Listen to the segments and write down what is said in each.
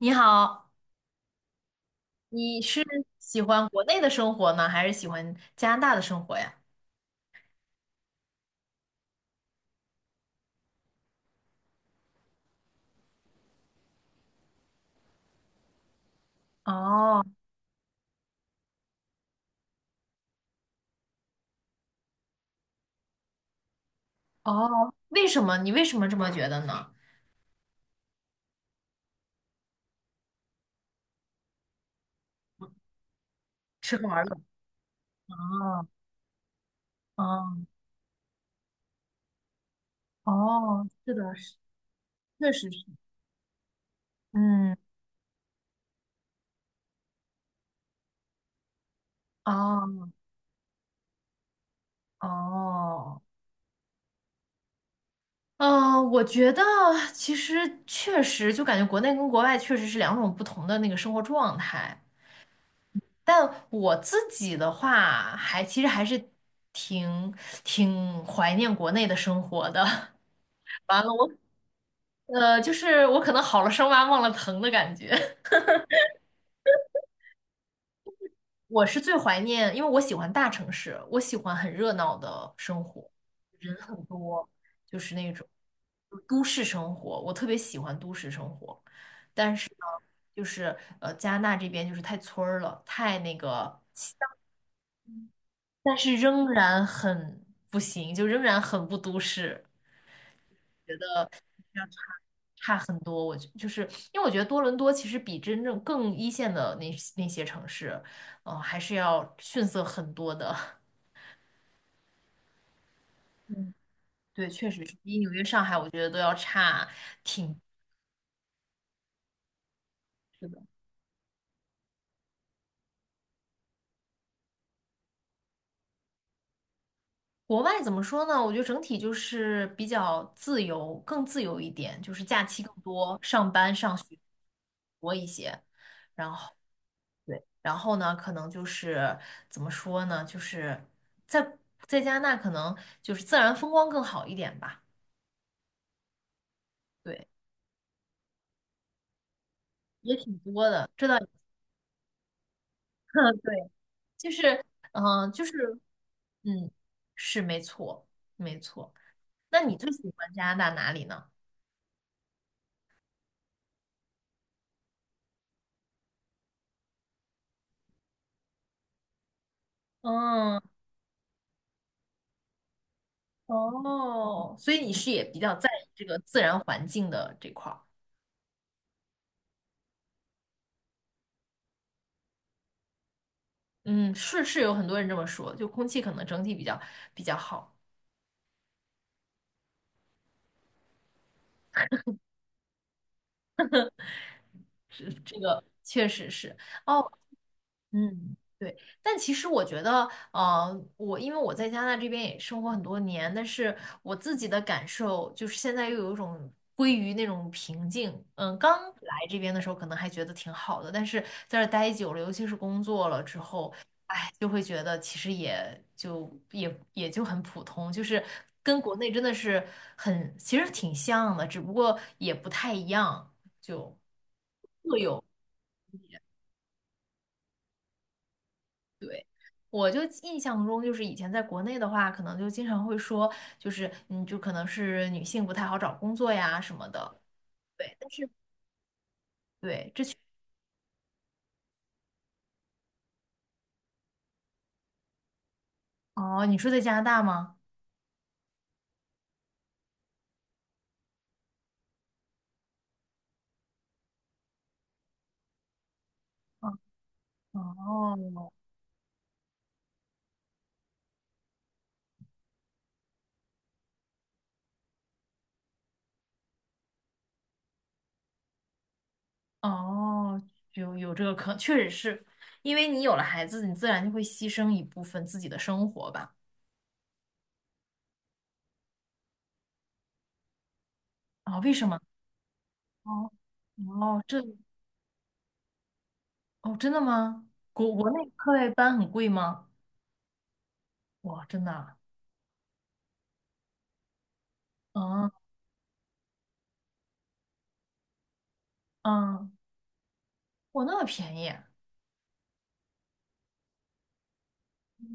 你好，你是喜欢国内的生活呢，还是喜欢加拿大的生活呀？哦哦，为什么？你为什么这么觉得呢？吃喝玩乐。哦哦哦，是的，是，确实是。嗯，哦哦，嗯，我觉得其实确实就感觉国内跟国外确实是两种不同的那个生活状态。但我自己的话，还其实还是挺挺怀念国内的生活的。完了，我就是我可能好了伤疤忘了疼的感觉。我是最怀念，因为我喜欢大城市，我喜欢很热闹的生活，人很多，就是那种都市生活，我特别喜欢都市生活。就是加拿大这边就是太村儿了，太那个，但是仍然很不行，就仍然很不都市。差很多。我觉就是因为我觉得多伦多其实比真正更一线的那些城市，嗯、还是要逊色很多的。嗯 对，确实是比纽约、上海，我觉得都要差挺。是的，国外怎么说呢？我觉得整体就是比较自由，更自由一点，就是假期更多，上班上学多一些。然后对，然后呢，可能就是怎么说呢？就是在在加拿大，可能就是自然风光更好一点吧。对，也挺多的，这倒也 对，就是，嗯、就是，嗯，是没错，没错。那你最喜欢加拿大哪里呢？嗯，哦，所以你是也比较在意这个自然环境的这块儿。嗯，是是有很多人这么说，就空气可能整体比较好，这这个确实是。哦，嗯，对，但其实我觉得，我因为我在加拿大这边也生活很多年，但是我自己的感受就是现在又有一种归于那种平静。嗯，刚来这边的时候可能还觉得挺好的，但是在这儿待久了，尤其是工作了之后，哎，就会觉得其实也就也也就很普通，就是跟国内真的是很，其实挺像的，只不过也不太一样，就各有。对，我就印象中，就是以前在国内的话，可能就经常会说，就是嗯，就可能是女性不太好找工作呀什么的。对，但是对，这确哦，你说在加拿大吗？哦哦，哦有有这个可，确实是因为你有了孩子，你自然就会牺牲一部分自己的生活吧？啊、为什么？哦哦，这哦，真的吗？国国内课外班很贵吗？哇，真的啊？嗯嗯，哇，那么便宜。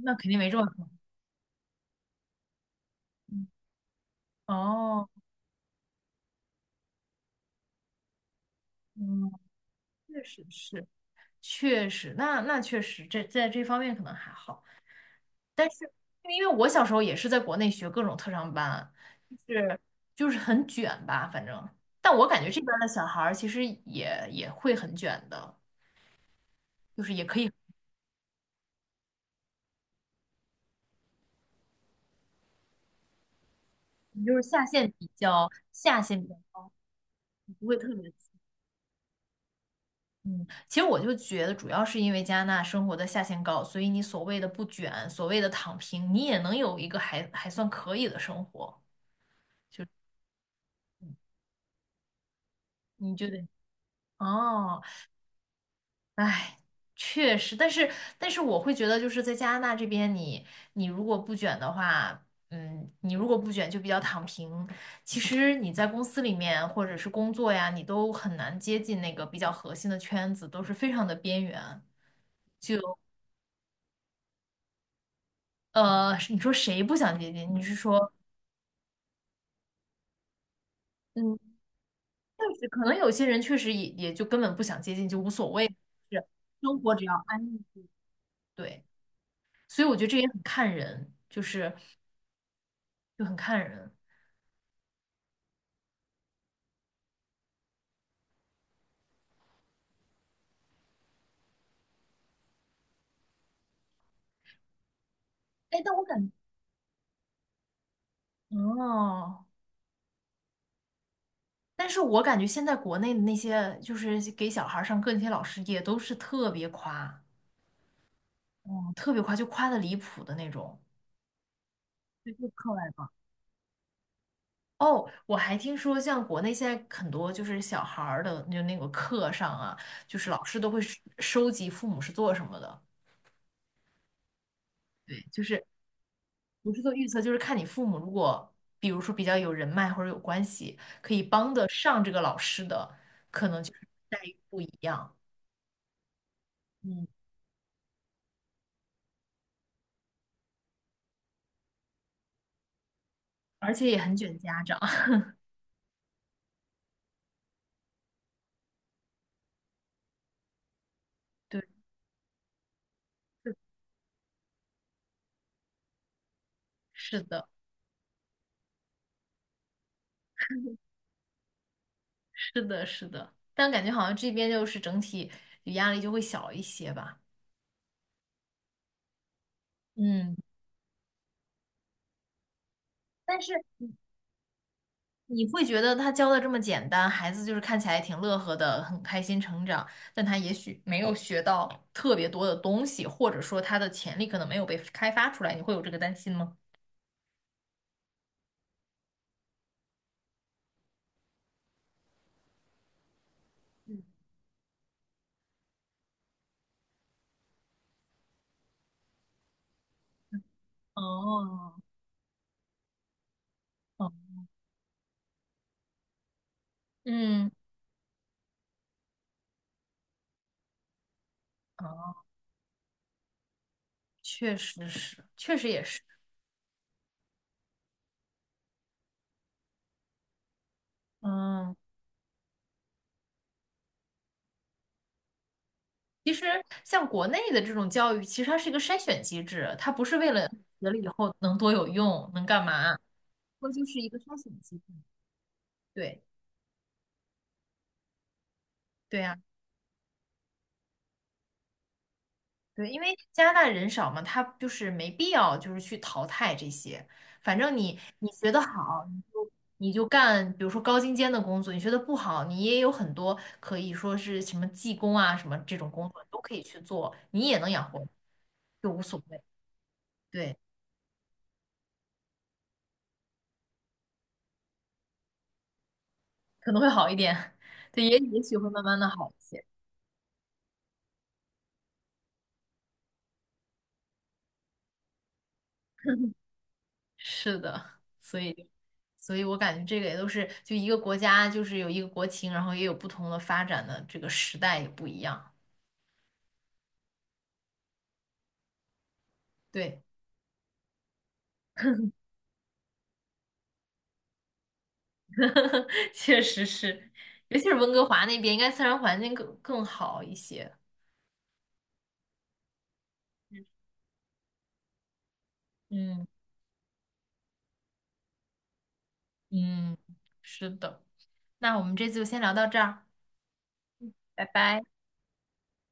那肯定没这么疼嗯哦，嗯，确实是，确实，那那确实，这在这方面可能还好。但是，因为我小时候也是在国内学各种特长班，就是就是很卷吧，反正。但我感觉这边的小孩儿其实也也会很卷的，就是也可以，就是下限比较高，不会特别卷。嗯，其实我就觉得，主要是因为加拿大生活的下限高，所以你所谓的不卷，所谓的躺平，你也能有一个还还算可以的生活。你就得哦，哎，确实，但是我会觉得，就是在加拿大这边你，你如果不卷的话，嗯，你如果不卷就比较躺平。其实你在公司里面或者是工作呀，你都很难接近那个比较核心的圈子，都是非常的边缘。就你说谁不想接近？你是说？嗯。确实，可能有些人确实也也就根本不想接近，就无所谓，是生活只要安逸对。所以我觉得这也很看人，就是就很看人。哎，但我感哦，但是我感觉现在国内的那些就是给小孩儿上课那些老师也都是特别夸，哦，特别夸，就夸的离谱的那种。对，就课外吧。哦，我还听说，像国内现在很多就是小孩儿的，就那个课上啊，就是老师都会收集父母是做什么的，对，就是。不是做预测，就是看你父母如果，比如说比较有人脉或者有关系，可以帮得上这个老师的，可能就是待遇不一样。嗯，而且也很卷家长。对，是是的，是的，是的。但感觉好像这边就是整体压力就会小一些吧。嗯，但是你会觉得他教的这么简单，孩子就是看起来挺乐呵的，很开心成长，但他也许没有学到特别多的东西，或者说他的潜力可能没有被开发出来，你会有这个担心吗？嗯哦，哦，嗯，哦，确实是，确实也是，嗯，其实像国内的这种教育，其实它是一个筛选机制，它不是为了学了以后能多有用，能干嘛，它就是一个筛选机制。对，对呀。对，因为加拿大人少嘛，他就是没必要就是去淘汰这些，反正你你学得好，你就你就干，比如说高精尖的工作，你学得不好，你也有很多可以说是什么技工啊什么这种工作都可以去做，你也能养活，就无所谓。对，可能会好一点，对，也也许会慢慢的好一些。是的，所以所以我感觉这个也都是就一个国家就是有一个国情，然后也有不同的发展的这个时代也不一样。对。确实是，尤其是温哥华那边，应该自然环境更好一些。嗯嗯，是的。那我们这次就先聊到这儿，拜拜。